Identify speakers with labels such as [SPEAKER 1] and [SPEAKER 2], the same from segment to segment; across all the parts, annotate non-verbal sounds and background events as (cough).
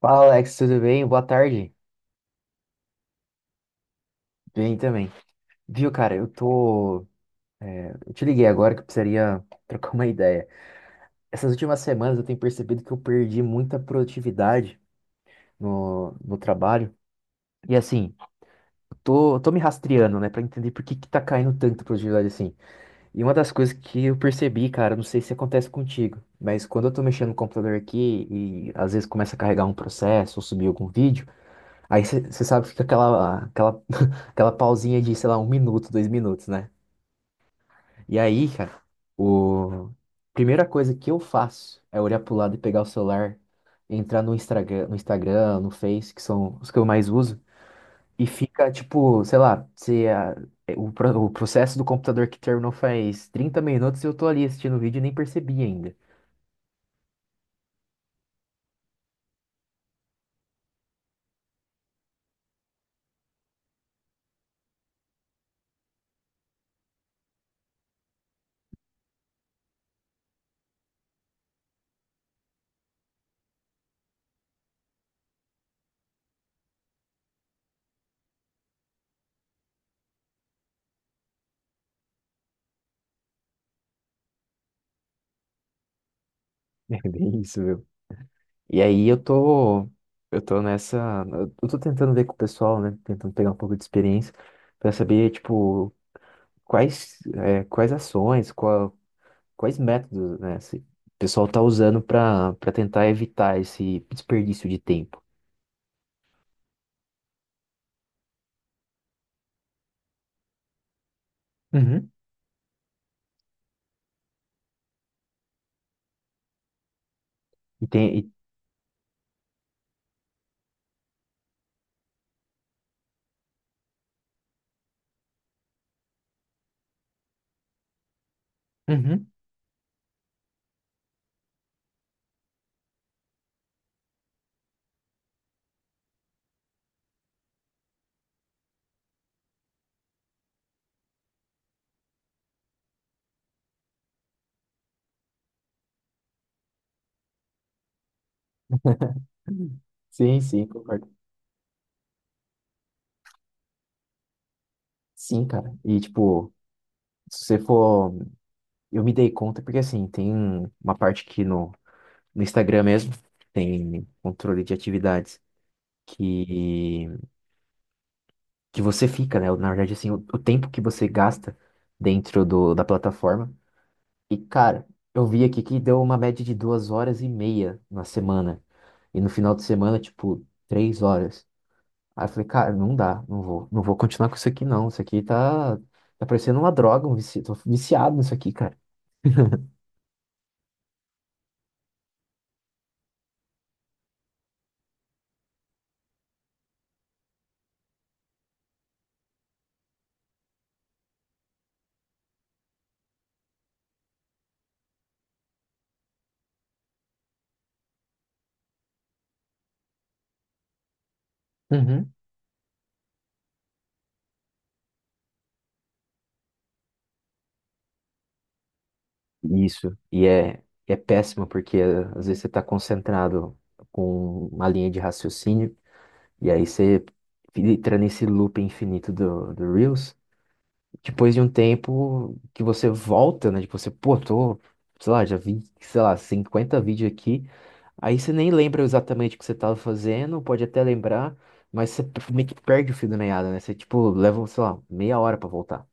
[SPEAKER 1] Fala, Alex, tudo bem? Boa tarde. Bem também. Viu, cara, eu tô. Eu te liguei agora que eu precisaria (laughs) trocar uma ideia. Essas últimas semanas eu tenho percebido que eu perdi muita produtividade no trabalho. E assim, eu tô me rastreando, né, pra entender por que que tá caindo tanta produtividade assim. E uma das coisas que eu percebi, cara, não sei se acontece contigo, mas quando eu tô mexendo no computador aqui e às vezes começa a carregar um processo ou subir algum vídeo. Aí você sabe que fica (laughs) aquela pausinha de, sei lá, um minuto, 2 minutos, né? E aí, cara, o... primeira coisa que eu faço é olhar pro lado e pegar o celular, entrar no Instagram, no Face, que são os que eu mais uso, e fica, tipo, sei lá, se a- é, o, pro- o processo do computador que terminou faz 30 minutos e eu tô ali assistindo o vídeo e nem percebi ainda. (laughs) É bem isso, viu? E aí eu tô nessa, eu tô tentando ver com o pessoal, né? Tentando pegar um pouco de experiência para saber, tipo, quais ações, quais métodos, né? Se o pessoal tá usando para tentar evitar esse desperdício de tempo. Uhum. E tem, e- uhum, sim, sim, concordo. Sim, cara. E tipo, se você for, eu me dei conta porque assim, tem uma parte aqui no Instagram mesmo, tem controle de atividades que que você fica, né? Na verdade, assim, o tempo que você gasta dentro do, da plataforma. E, cara, eu vi aqui que deu uma média de 2h30 na semana. E no final de semana, tipo, 3 horas. Aí eu falei, cara, não dá, não vou continuar com isso aqui, não. Isso aqui tá parecendo uma droga, tô viciado nisso aqui, cara. Uhum. Isso. E é péssimo, porque às vezes você tá concentrado com uma linha de raciocínio. E aí você entra nesse loop infinito do Reels. Depois de um tempo que você volta, né? Tipo, você, pô, tô, sei lá, já vi, sei lá, 50 vídeos aqui. Aí você nem lembra exatamente o que você tava fazendo, pode até lembrar, mas você meio que perde o fio da meada, né? Você, tipo, leva, sei lá, meia hora pra voltar.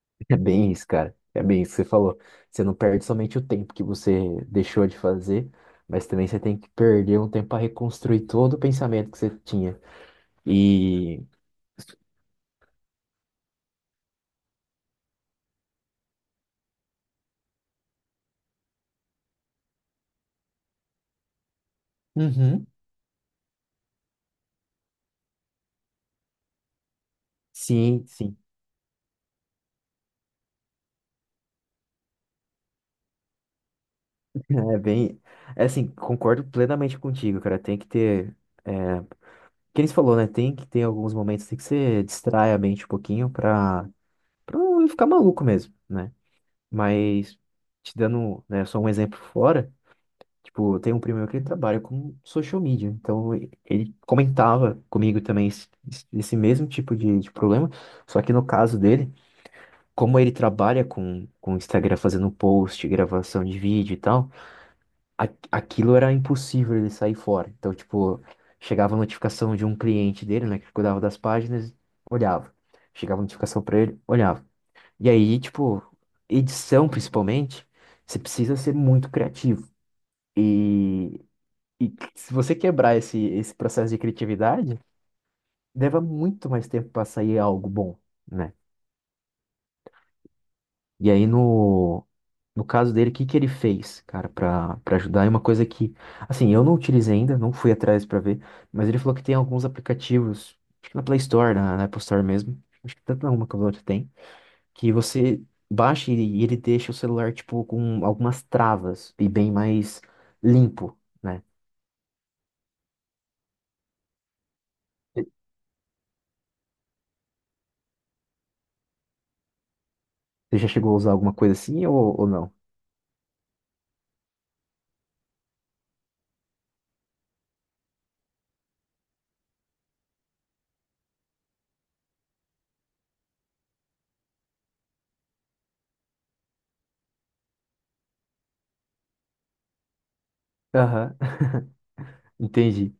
[SPEAKER 1] (laughs) É bem isso, cara. É bem isso que você falou. Você não perde somente o tempo que você deixou de fazer, mas também você tem que perder um tempo para reconstruir todo o pensamento que você tinha. E. Uhum. Sim, sim. É bem. É assim, concordo plenamente contigo, cara. Tem que ter. É, que eles falou, né? Tem que ter alguns momentos tem que você distrai a mente um pouquinho pra não ficar maluco mesmo, né? Mas, te dando, né, só um exemplo fora, tipo, tem um primo meu que ele trabalha com social media. Então, ele comentava comigo também esse mesmo tipo de problema. Só que no caso dele, como ele trabalha com o Instagram fazendo post, gravação de vídeo e tal. Aquilo era impossível ele sair fora. Então, tipo, chegava a notificação de um cliente dele, né, que cuidava das páginas, olhava. Chegava a notificação pra ele, olhava. E aí, tipo, edição principalmente, você precisa ser muito criativo. E, e se você quebrar esse processo de criatividade, leva muito mais tempo pra sair algo bom, né? E aí no No caso dele, o que que ele fez, cara, pra para ajudar? É uma coisa que, assim, eu não utilizei ainda, não fui atrás pra ver, mas ele falou que tem alguns aplicativos, acho que na Play Store, na Apple Store mesmo, acho que tanto na uma quanto a outra tem, que você baixa e ele deixa o celular, tipo, com algumas travas e bem mais limpo, né? Você já chegou a usar alguma coisa assim ou não? Aham, (laughs) entendi.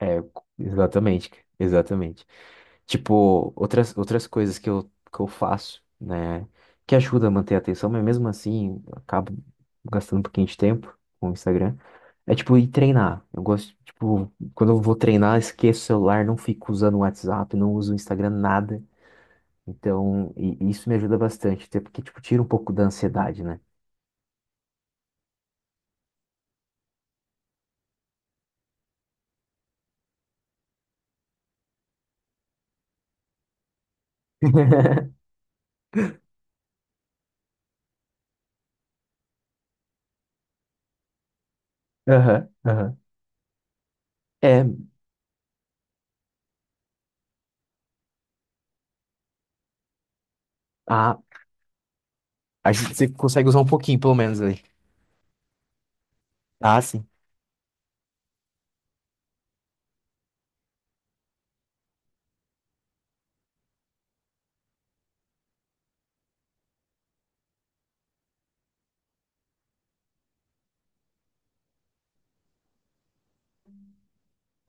[SPEAKER 1] É, exatamente, cara, exatamente. Tipo, outras coisas que eu, faço, né, que ajuda a manter a atenção, mas mesmo assim, eu acabo gastando um pouquinho de tempo com o Instagram. É tipo ir treinar. Eu gosto, tipo, quando eu vou treinar, esqueço o celular, não fico usando o WhatsApp, não uso o Instagram, nada. Então, e isso me ajuda bastante, até porque, tipo, tira um pouco da ansiedade, né? (laughs) Aham, aham. É, a, a gente você consegue usar um pouquinho, pelo menos, ali. Ah, sim.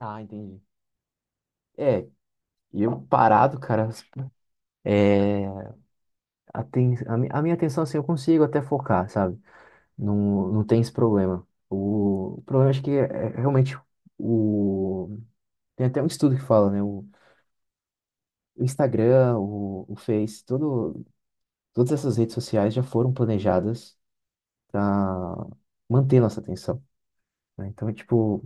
[SPEAKER 1] Ah, entendi. É, e eu parado, cara, é, a minha atenção, assim, eu consigo até focar, sabe? Não, não tem esse problema. O problema acho que é realmente o... Tem até um estudo que fala, né? O Instagram, o Face, todas essas redes sociais já foram planejadas para manter nossa atenção, né? Então, é tipo,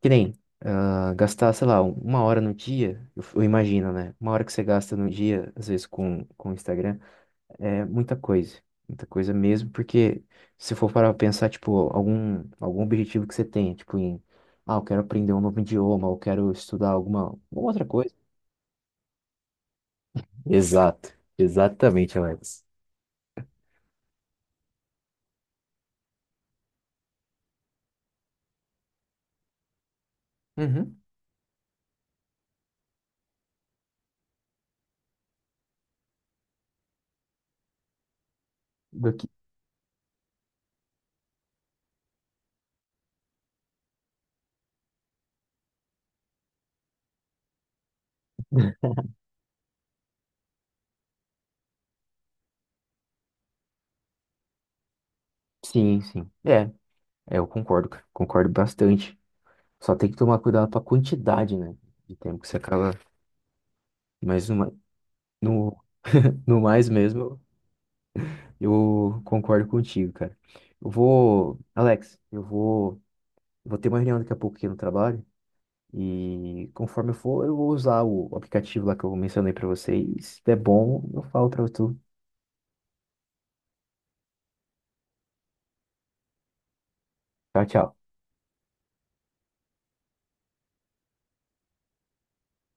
[SPEAKER 1] que nem ah, gastar, sei lá, uma hora no dia, eu imagino, né? Uma hora que você gasta no dia, às vezes, com o Instagram. É muita coisa mesmo, porque se for para pensar, tipo, algum objetivo que você tenha, tipo, em, ah, eu quero aprender um novo idioma, eu quero estudar alguma outra coisa. Exato, exatamente, Alex. Uhum. Do que- Sim, sim. É, eu concordo, cara, concordo bastante. Só tem que tomar cuidado com a quantidade, né, de tempo que você acaba, mas numa, no, (laughs) no mais mesmo, eu concordo contigo, cara. Eu vou, Alex, eu vou. Vou ter uma reunião daqui a pouco aqui no trabalho. E conforme eu for, eu vou usar o aplicativo lá que eu mencionei pra vocês. Se der bom, eu falo pra tu. Tchau, tchau.